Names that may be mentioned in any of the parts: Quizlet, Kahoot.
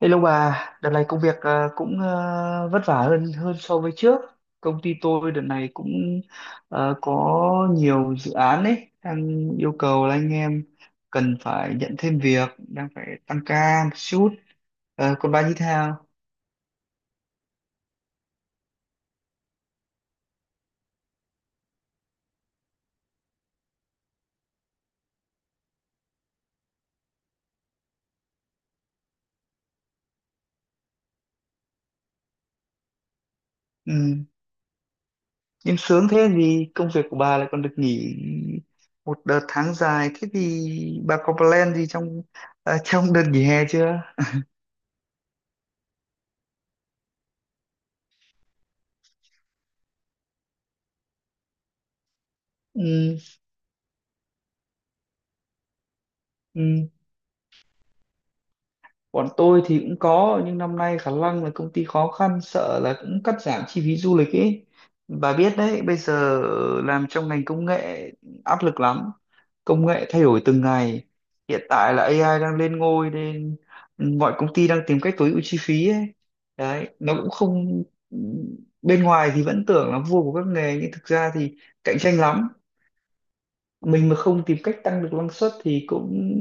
Hello bà, đợt này công việc cũng vất vả hơn hơn so với trước. Công ty tôi đợt này cũng có nhiều dự án ấy, đang yêu cầu là anh em cần phải nhận thêm việc, đang phải tăng ca một chút. Còn bà như thế nào? Ừ. Em sướng thế vì công việc của bà lại còn được nghỉ một đợt tháng dài. Thế thì bà có plan gì trong đợt nghỉ hè chưa? Ừ. Ừ. Bọn tôi thì cũng có, nhưng năm nay khả năng là công ty khó khăn, sợ là cũng cắt giảm chi phí du lịch ấy. Bà biết đấy, bây giờ làm trong ngành công nghệ áp lực lắm. Công nghệ thay đổi từng ngày. Hiện tại là AI đang lên ngôi, nên mọi công ty đang tìm cách tối ưu chi phí ấy. Đấy, nó cũng không ừ, bên ngoài thì vẫn tưởng là vua của các nghề, nhưng thực ra thì cạnh tranh lắm. Mình mà không tìm cách tăng được năng suất thì cũng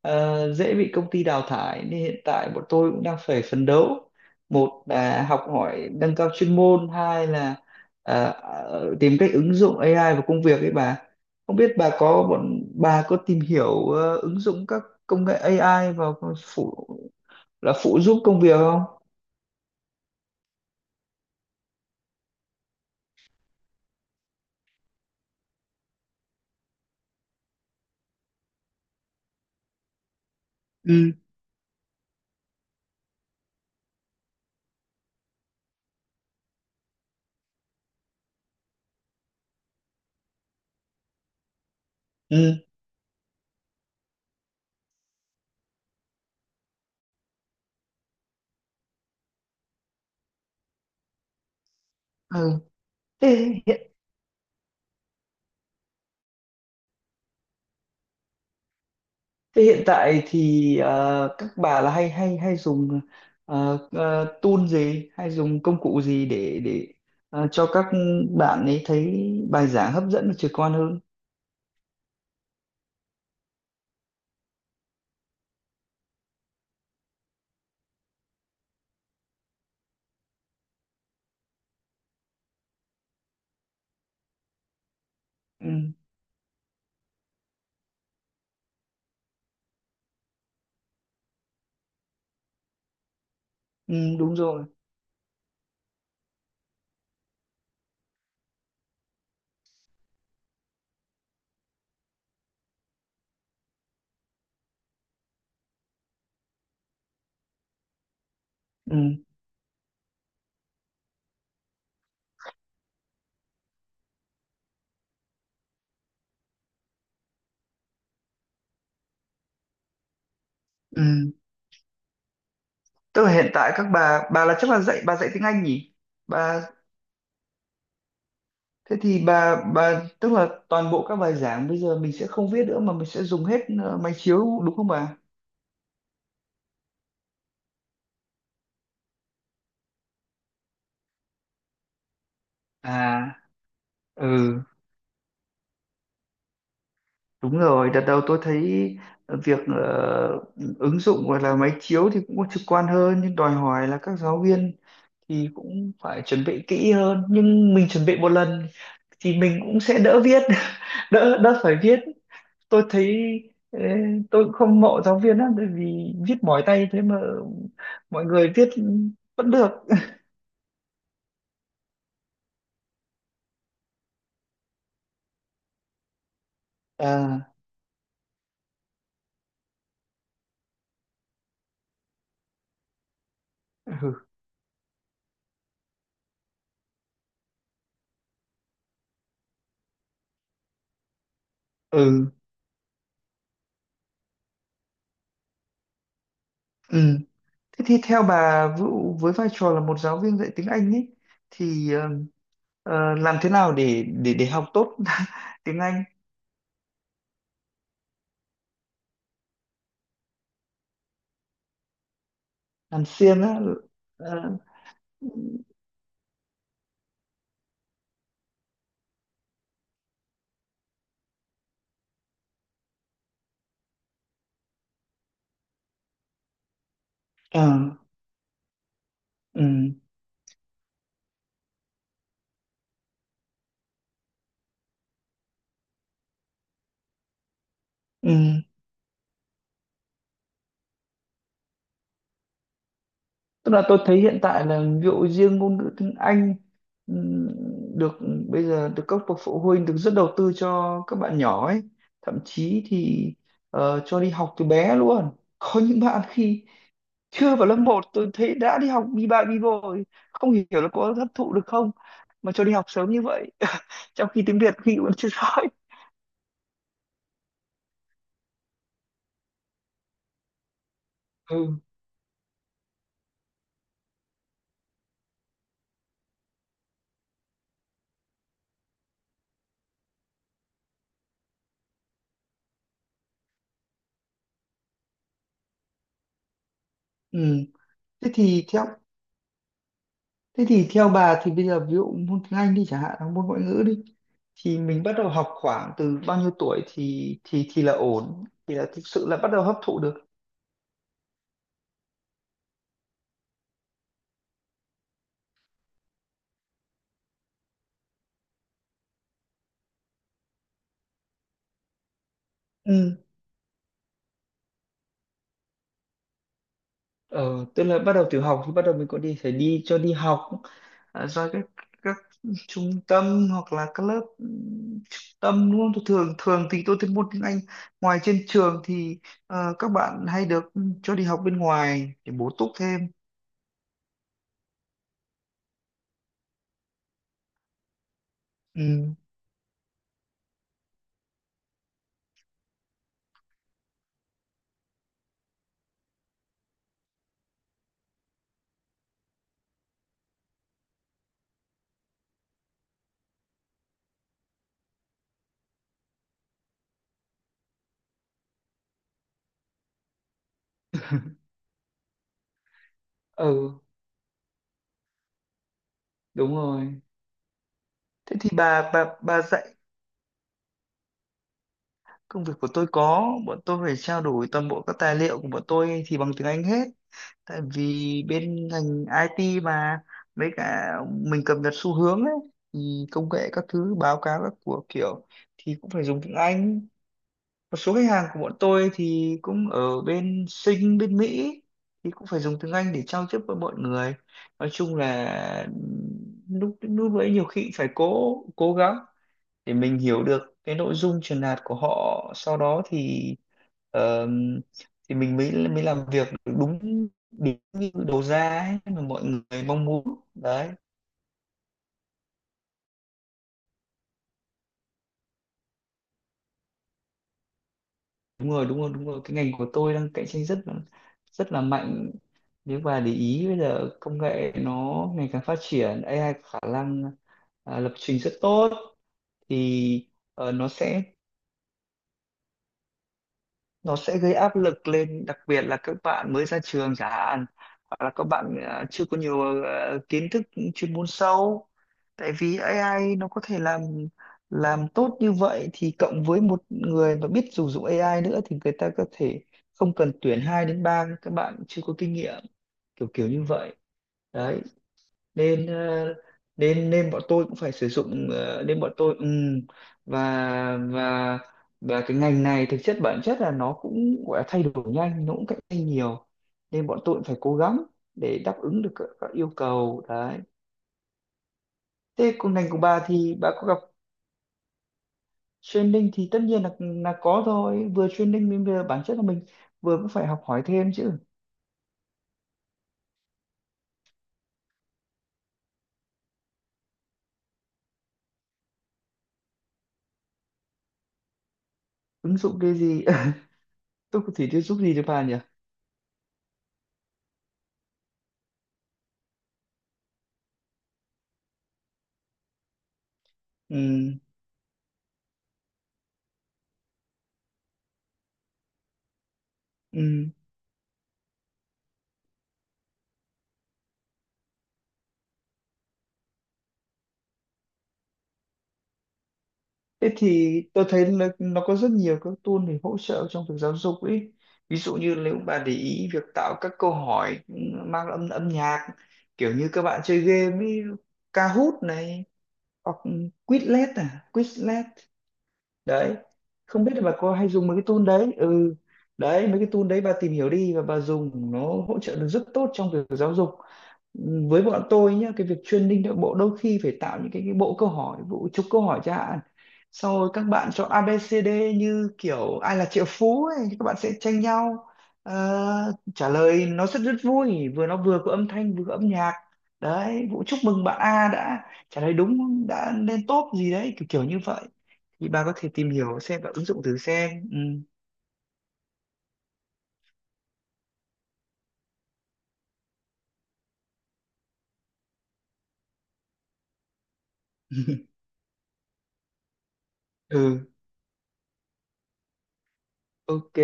dễ bị công ty đào thải, nên hiện tại bọn tôi cũng đang phải phấn đấu, một là học hỏi nâng cao chuyên môn, hai là tìm cách ứng dụng AI vào công việc ấy. Bà, không biết bà có bọn bà có tìm hiểu ứng dụng các công nghệ AI vào phụ phụ giúp công việc không? Ừ. Ừ, ừ. Thế Thế hiện tại thì các bà là hay hay hay dùng tool gì, hay dùng công cụ gì để cho các bạn ấy thấy bài giảng hấp dẫn và trực quan hơn? Ừ, ừ, đúng rồi. Ừ, ừ. Tức là hiện tại các bà là chắc là bà dạy tiếng Anh nhỉ? Bà, thế thì bà tức là toàn bộ các bài giảng bây giờ mình sẽ không viết nữa, mà mình sẽ dùng hết máy chiếu, đúng không bà? À, ừ. Đúng rồi, đợt đầu tôi thấy việc ứng dụng, gọi là máy chiếu, thì cũng có trực quan hơn, nhưng đòi hỏi là các giáo viên thì cũng phải chuẩn bị kỹ hơn. Nhưng mình chuẩn bị một lần thì mình cũng sẽ đỡ viết đỡ đỡ phải viết. Tôi thấy, ê, tôi cũng không mộ giáo viên lắm, bởi vì viết mỏi tay thế mà mọi người viết vẫn được. À. Ừ. Ừ, ừ. Thế thì theo bà Vũ, với vai trò là một giáo viên dạy tiếng Anh ấy, thì làm thế nào để học tốt tiếng Anh? Làm siêng á. Ờ, ờ, ừ, ừ. Tức là tôi thấy hiện tại là ví dụ riêng ngôn ngữ tiếng Anh, ừ, được bây giờ được các bậc phụ huynh rất đầu tư cho các bạn nhỏ ấy. Thậm chí thì cho đi học từ bé luôn. Có những bạn khi chưa vào lớp một tôi thấy đã đi học bi ba bi bô rồi, không hiểu là có hấp thụ được không mà cho đi học sớm như vậy. Trong khi tiếng Việt khi vẫn chưa rõ. Ừ. Ừ. Thế thì theo thế thì theo bà thì bây giờ ví dụ môn tiếng Anh đi chẳng hạn, hoặc môn ngoại ngữ đi, thì mình bắt đầu học khoảng từ bao nhiêu tuổi thì là ổn, thì là thực sự là bắt đầu hấp thụ được? Ừ. ờ, Tức là bắt đầu tiểu học thì bắt đầu mình có đi phải đi cho đi học, à, do các trung tâm hoặc là các lớp, trung tâm, đúng không? Tôi thường thường thì tôi thấy môn tiếng Anh ngoài trên trường thì các bạn hay được cho đi học bên ngoài để bổ túc thêm. Ừ. Ừ, đúng rồi. Thế thì bà bà dạy. Công việc của tôi có, bọn tôi phải trao đổi toàn bộ các tài liệu của bọn tôi thì bằng tiếng Anh hết, tại vì bên ngành IT mà. Với cả mình cập nhật xu hướng ấy, thì công nghệ các thứ, báo cáo các của kiểu, thì cũng phải dùng tiếng Anh. Một số khách hàng của bọn tôi thì cũng ở bên Sinh, bên Mỹ, thì cũng phải dùng tiếng Anh để giao tiếp với mọi người. Nói chung là lúc lúc đấy nhiều khi phải cố cố gắng để mình hiểu được cái nội dung truyền đạt của họ, sau đó ờm, thì mình mới mới làm việc được đúng đúng như đầu ra ấy mà mọi người mong muốn đấy. Đúng rồi, đúng rồi, đúng rồi, cái ngành của tôi đang cạnh tranh rất là mạnh. Nếu bà để ý bây giờ công nghệ nó ngày càng phát triển, AI có khả năng, lập trình rất tốt. Thì ờ, nó sẽ nó sẽ gây áp lực lên, đặc biệt là các bạn mới ra trường chẳng hạn, hoặc là các bạn chưa có nhiều kiến thức chuyên môn sâu, tại vì AI nó có thể làm tốt như vậy, thì cộng với một người mà biết sử dụng AI nữa thì người ta có thể không cần tuyển 2 đến 3 các bạn chưa có kinh nghiệm, kiểu kiểu như vậy đấy. Nên ờ, nên nên bọn tôi cũng phải sử dụng, nên bọn tôi và và cái ngành này thực chất, bản chất là nó cũng gọi là thay đổi nhanh, nó cũng cạnh tranh nhiều, nên bọn tôi cũng phải cố gắng để đáp ứng được các yêu cầu đấy. Thế còn ngành của bà thì bà có gặp. Training thì tất nhiên là có thôi, vừa training nên vừa bản chất là mình vừa cũng phải học hỏi thêm chứ. Ứng dụng cái gì? Tôi có thể giúp gì cho bà nhỉ? Ừ. Ừ. Thế thì tôi thấy là nó có rất nhiều các tool để hỗ trợ trong việc giáo dục ấy. Ví dụ như nếu bà để ý việc tạo các câu hỏi mang âm âm nhạc, kiểu như các bạn chơi game ấy, Kahoot này, hoặc Quizlet, à, Quizlet đấy. Không biết là bà có hay dùng mấy cái tool đấy. Ừ. Đấy, mấy cái tool đấy bà tìm hiểu đi, và bà dùng nó hỗ trợ được rất tốt trong việc giáo dục. Với bọn tôi nhá, cái việc training nội bộ đôi khi phải tạo những cái bộ câu hỏi, bộ chục câu hỏi chẳng hạn, sau rồi các bạn chọn ABCD, như kiểu ai là triệu phú ấy, các bạn sẽ tranh nhau trả lời, nó rất rất vui, vừa nó vừa có âm thanh vừa có âm nhạc đấy. Vũ chúc mừng bạn A đã trả lời đúng, đã lên top gì đấy, kiểu kiểu như vậy. Thì bà có thể tìm hiểu xem và ứng dụng thử xem. Ừ. Ừ. Ok.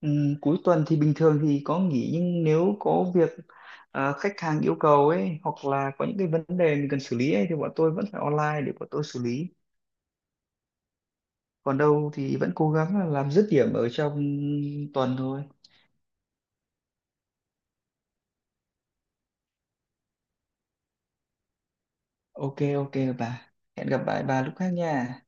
Cuối tuần thì bình thường thì có nghỉ, nhưng nếu có việc, à, khách hàng yêu cầu ấy, hoặc là có những cái vấn đề mình cần xử lý ấy, thì bọn tôi vẫn phải online để bọn tôi xử lý. Còn đâu thì vẫn cố gắng là làm dứt điểm ở trong tuần thôi. Ok, ok bà. Hẹn gặp lại bà lúc khác nha.